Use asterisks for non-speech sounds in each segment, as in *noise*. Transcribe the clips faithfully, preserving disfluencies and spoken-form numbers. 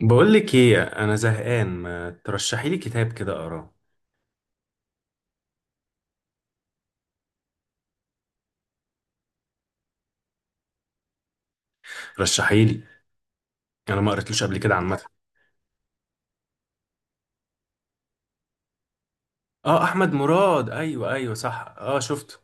بقول لك ايه، انا زهقان، ما ترشحي لي كتاب كده اقراه. رشحي لي. انا ما قريتلوش قبل كده عامه. اه، احمد مراد، ايوه ايوه صح، اه شفته.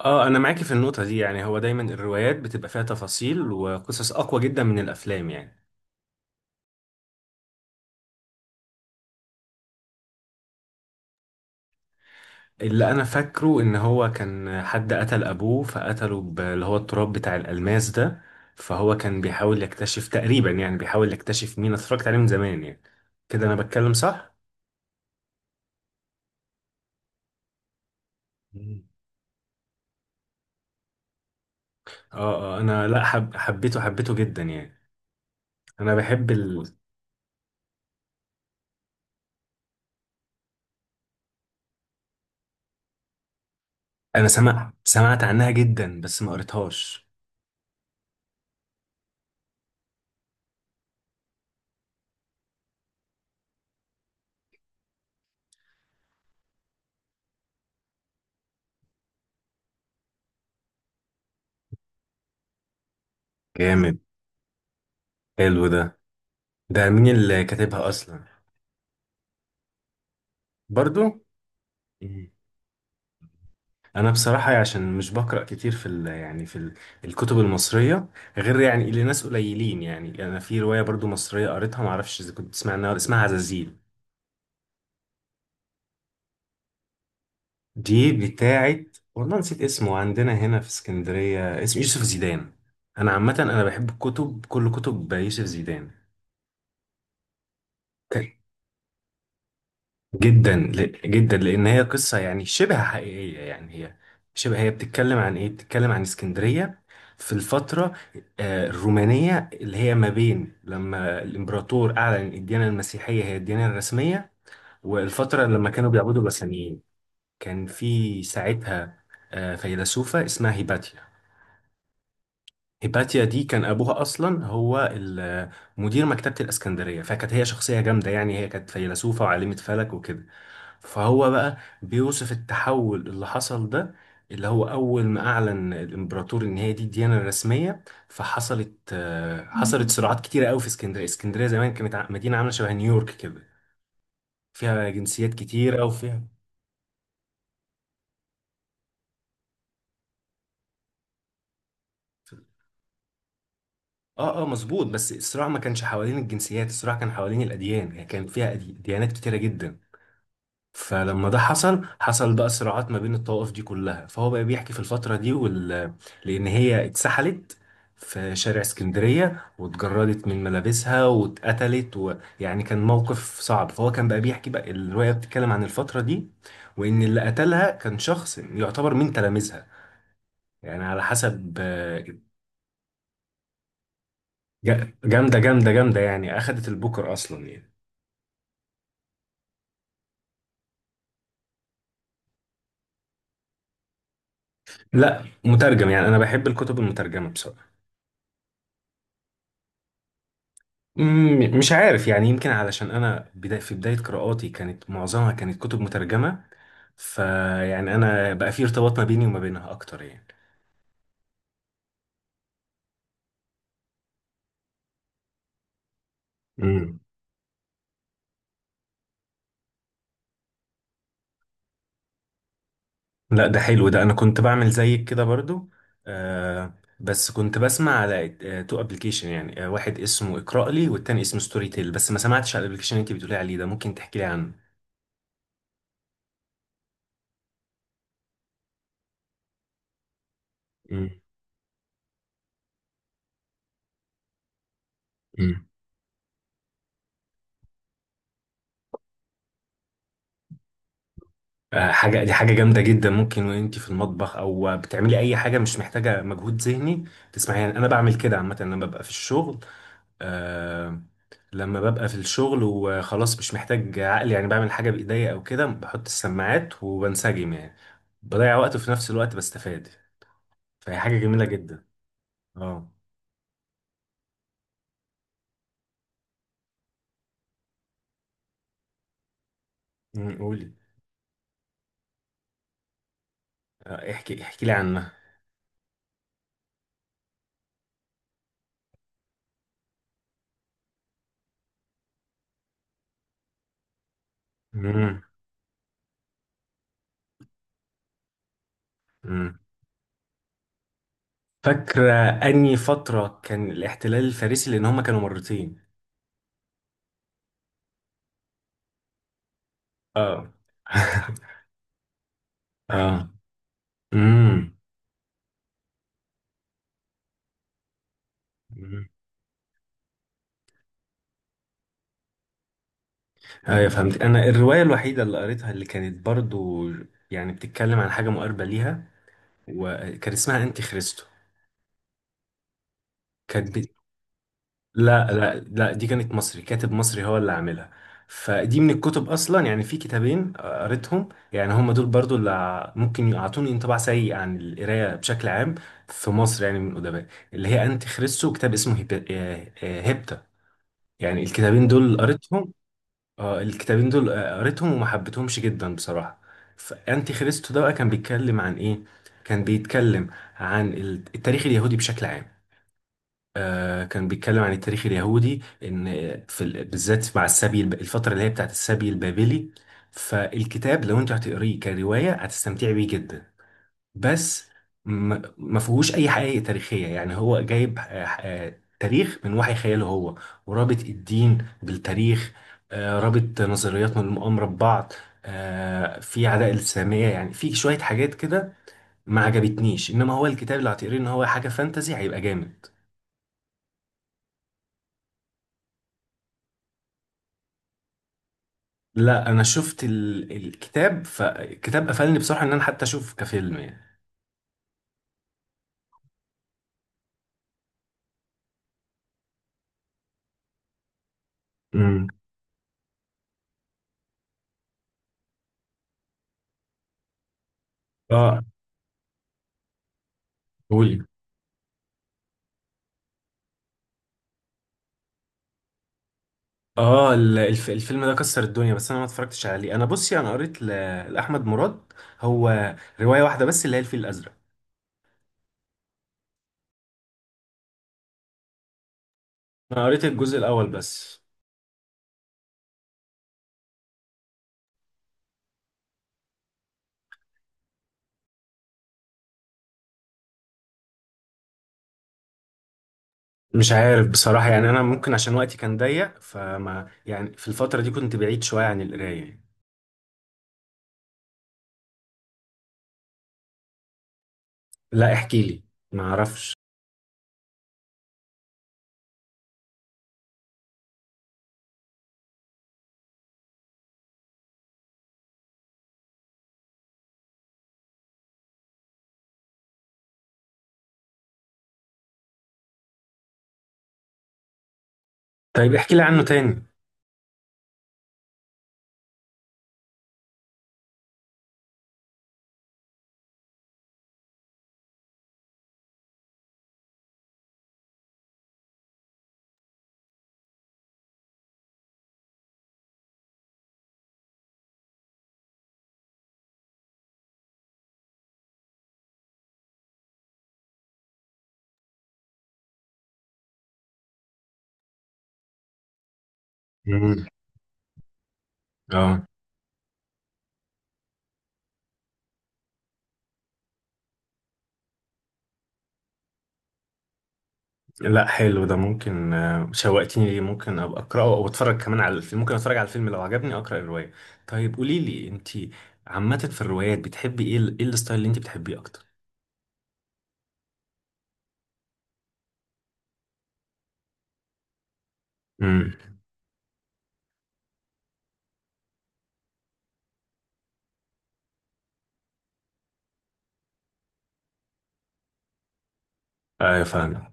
اه، انا معاكي في النقطه دي. يعني هو دايما الروايات بتبقى فيها تفاصيل وقصص اقوى جدا من الافلام يعني. اللي انا فاكره ان هو كان حد قتل ابوه فقتله ب- اللي هو التراب بتاع الالماس ده. فهو كان بيحاول يكتشف تقريبا، يعني بيحاول يكتشف مين. أنا اتفرجت عليه من زمان يعني. كده انا بتكلم صح؟ اه. آه، انا لا حب حبيته حبيته جدا يعني. انا بحب ال... انا سمع... سمعت عنها جدا، بس ما قريتهاش. جامد، حلو ده. ده مين اللي كاتبها اصلا؟ برضو. مم. انا بصراحة عشان مش بقرأ كتير في ال... يعني في ال... الكتب المصرية غير يعني لناس قليلين. يعني انا في رواية برضو مصرية قريتها، ما اعرفش اذا كنت تسمع عنها، اسمها عزازيل. دي بتاعت والله نسيت اسمه، عندنا هنا في اسكندرية، اسمه يوسف زيدان. أنا عامة أنا بحب الكتب، كل كتب يوسف زيدان. ك- جدا، ل- جدا لأن هي قصة يعني شبه حقيقية. يعني هي شبه، هي بتتكلم عن إيه؟ بتتكلم عن اسكندرية في الفترة آه، الرومانية، اللي هي ما بين لما الإمبراطور أعلن الديانة المسيحية هي الديانة الرسمية، والفترة لما كانوا بيعبدوا بثانيين. كان في ساعتها آه، فيلسوفة اسمها هيباتيا. هيباتيا دي كان ابوها اصلا هو ال- مدير مكتبه الاسكندريه، فكانت هي شخصيه جامده يعني، هي كانت فيلسوفه وعالمه فلك وكده. فهو بقى بيوصف التحول اللي حصل ده، اللي هو اول ما اعلن الامبراطور ان هي دي الديانه الرسميه، فحصلت آه، حصلت صراعات كتيره قوي في اسكندريه. اسكندريه زمان كانت ع- مدينه عامله شبه نيويورك كده، فيها جنسيات كتيره وفيها اه. اه مظبوط، بس الصراع ما كانش حوالين الجنسيات، الصراع كان حوالين الاديان، يعني كان فيها أدي- ديانات كتيره جدا. فلما ده حصل حصل بقى صراعات ما بين الطوائف دي كلها. فهو بقى بيحكي في الفترة دي وال... لأن هي اتسحلت في شارع اسكندرية واتجردت من ملابسها واتقتلت، ويعني كان موقف صعب. فهو كان بقى بيحكي بقى، الرواية بتتكلم عن الفترة دي، وإن اللي قتلها كان شخص يعتبر من تلاميذها يعني على حسب آه، ج- جامدة جامدة جامدة يعني، أخدت البوكر أصلا يعني. لا مترجم يعني، أنا بحب الكتب المترجمة بصراحة. مم، مش عارف يعني، يمكن علشان انا بدا، في بدايه قراءاتي كانت معظمها كانت كتب مترجمه، فيعني انا بقى في ارتباط ما بيني وما بينها اكتر يعني. امم لا ده حلو ده، انا كنت بعمل زيك كده برضو. آه. بس كنت بسمع على آه تو ابلكيشن يعني، آه واحد اسمه اقرأ لي والتاني اسمه ستوري تيل. بس ما سمعتش على الابلكيشن اللي انت بتقولي عليه ده، ممكن تحكي لي عنه. امم آه، حاجة، دي حاجة جامدة جدا. ممكن وانت في المطبخ او بتعملي اي حاجة مش محتاجة مجهود ذهني تسمعي، يعني انا بعمل كده عامة لما ببقى في الشغل. آه. لما ببقى في الشغل وخلاص مش محتاج عقل يعني، بعمل حاجة بايديا او كده، بحط السماعات وبنسجم يعني، بضيع وقت وفي نفس الوقت بستفاد، فهي حاجة جميلة جدا. اه. أمم، قولي. آه، احكي احكي لي عنها. أمم، أمم. فاكرة اني فترة كان الاحتلال الفارسي لان هما كانوا مرتين. اه. *laughs* اه. امم أمم. ايوه فهمت. انا الروايه الوحيده اللي قريتها اللي كانت برضو يعني بتتكلم عن حاجه مقاربه ليها وكان اسمها انتي خريستو. كانت بت... لا لا لا، دي كانت مصري، كاتب مصري هو اللي عاملها. فدي من الكتب اصلا يعني، في كتابين قريتهم يعني، هم دول برضو اللي ع- ممكن يعطوني انطباع سيء عن القرايه بشكل عام في مصر يعني من الادباء. اللي هي انتي خريستو وكتاب اسمه هيب... آه، آه، هيبتا. يعني الكتابين دول قريتهم. اه الكتابين دول آه، قريتهم وما حبيتهمش جدا بصراحة. فأنتي خريستو ده بقى كان بيتكلم عن إيه؟ كان بيتكلم عن ال- التاريخ اليهودي بشكل عام. آه، كان بيتكلم عن التاريخ اليهودي، إن في ال- بالذات مع السبي الب- الفترة اللي هي بتاعت السبي البابلي. فالكتاب لو أنت هتقريه كرواية هتستمتعي بيه جدا، بس م- ما فيهوش اي حقائق تاريخيه يعني، هو جايب آه، آه، تاريخ من وحي خياله هو، ورابط الدين بالتاريخ، آه، رابط نظريات من المؤامره ببعض، آه، في عداء الساميه يعني، في شويه حاجات كده ما عجبتنيش. انما هو الكتاب اللي هتقريه ان هو حاجه فانتزي هيبقى جامد. لا انا شفت ال- الكتاب، فالكتاب قفلني بصراحه ان انا حتى اشوف كفيلم يعني. امم اه قولي. اه ال- الف- الفيلم ده كسر الدنيا، بس انا ما اتفرجتش عليه. انا بصي، انا قريت ل- لاحمد مراد هو روايه واحده بس، اللي هي الفيل الازرق. انا قريت الجزء الاول بس. مش عارف بصراحه يعني، انا ممكن عشان وقتي كان ضيق، فما يعني في الفتره دي كنت بعيد شويه عن القرايه. لا احكي لي، ما اعرفش. طيب احكي لي عنه تاني. امم اه. لا حلو ده، ممكن آه، شوقتني ليه، ممكن ابقى اقراه او اتفرج كمان على الفيلم، ممكن اتفرج على الفيلم لو عجبني اقرا الروايه. طيب قولي لي انت، عامه في الروايات بتحبي ايه، ال- ايه الستايل اللي انت بتحبيه اكتر؟ امم ايوه فاهمك.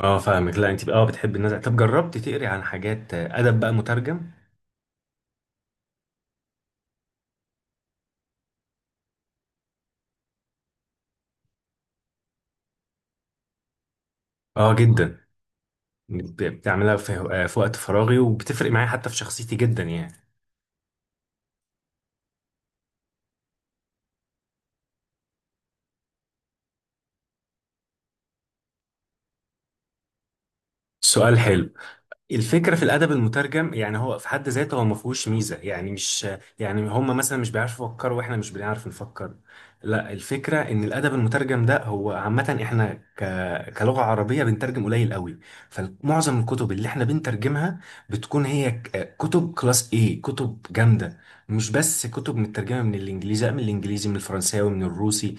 اه فاهمك. لا انت اه بتحبي النزع. طب جربتي تقري عن حاجات آه، ادب بقى مترجم؟ اه جدا. بت- بتعملها في آه، في وقت فراغي، وبتفرق معايا حتى في شخصيتي جدا يعني. سؤال حلو. الفكرة في الأدب المترجم، يعني هو في حد ذاته هو ما فيهوش ميزة يعني، مش يعني هم مثلا مش بيعرفوا يفكروا وإحنا مش بنعرف نفكر، لا. الفكرة إن الأدب المترجم ده، هو عامة إحنا ك... كلغة عربية بنترجم قليل قوي، فمعظم الكتب اللي إحنا بنترجمها بتكون هي ك- كتب كلاس A، كتب جامدة. مش بس كتب مترجمة من الإنجليزي، لا، من الإنجليزي، من الفرنساوي، من الروسي،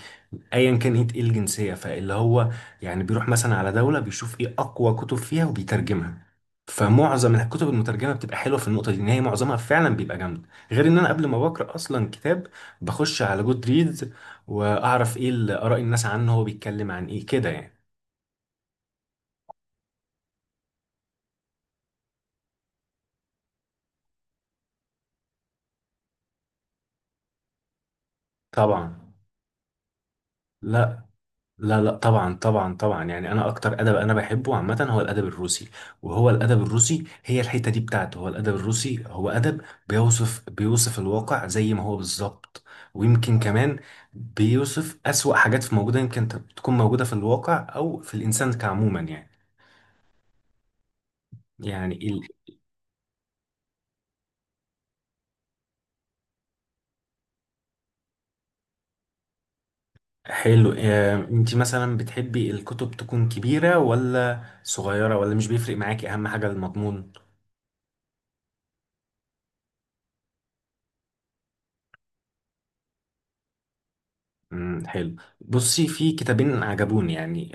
أيا كان إيه إيه الجنسية، فاللي هو يعني بيروح مثلا على دولة بيشوف إيه أقوى كتب فيها وبيترجمها. فمعظم الكتب المترجمه بتبقى حلوه في النقطه دي، ان هي معظمها فعلا بيبقى جامد. غير ان انا قبل ما بقرا اصلا كتاب، بخش على جود ريدز واعرف ايه ال- اراء الناس عنه، هو بيتكلم عن ايه كده يعني. طبعا. لا لا لا طبعا طبعا طبعا، يعني انا اكتر ادب انا بحبه عامه هو الادب الروسي. وهو الادب الروسي، هي الحته دي بتاعته، هو الادب الروسي هو ادب بيوصف بيوصف الواقع زي ما هو بالظبط، ويمكن كمان بيوصف اسوأ حاجات في موجوده، يمكن ت- تكون موجوده في الواقع او في الانسان كعموما يعني. يعني ال- حلو. آه، انت مثلا بتحبي الكتب تكون كبيره ولا صغيره، ولا مش بيفرق معاكي اهم حاجه المضمون؟ مم، حلو. بصي في كتابين عجبوني يعني،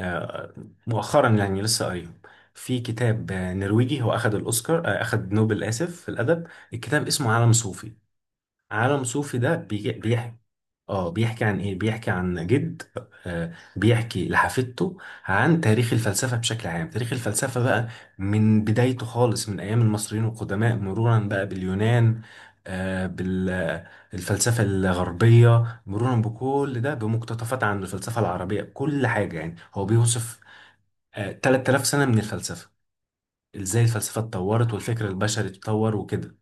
مؤخرا يعني لسه قريب. في كتاب آه، نرويجي، هو أخد الأوسكار، آه، أخد نوبل آسف، في الأدب. الكتاب اسمه عالم صوفي. عالم صوفي ده بيجي- بيحكي، اه بيحكي عن ايه، بيحكي عن جد آه، بيحكي لحفيدته عن تاريخ الفلسفة بشكل عام. تاريخ الفلسفة بقى من بدايته خالص من أيام المصريين القدماء، مرورا بقى باليونان، آه، بالفلسفة الغربية، مرورا بكل ده بمقتطفات عن الفلسفة العربية، كل حاجة يعني هو بيوصف آه، تلت تلاف سنة من الفلسفة، ازاي الفلسفة اتطورت والفكر البشري اتطور وكده.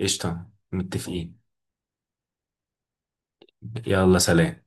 قشطة متفقين. يلا سلام.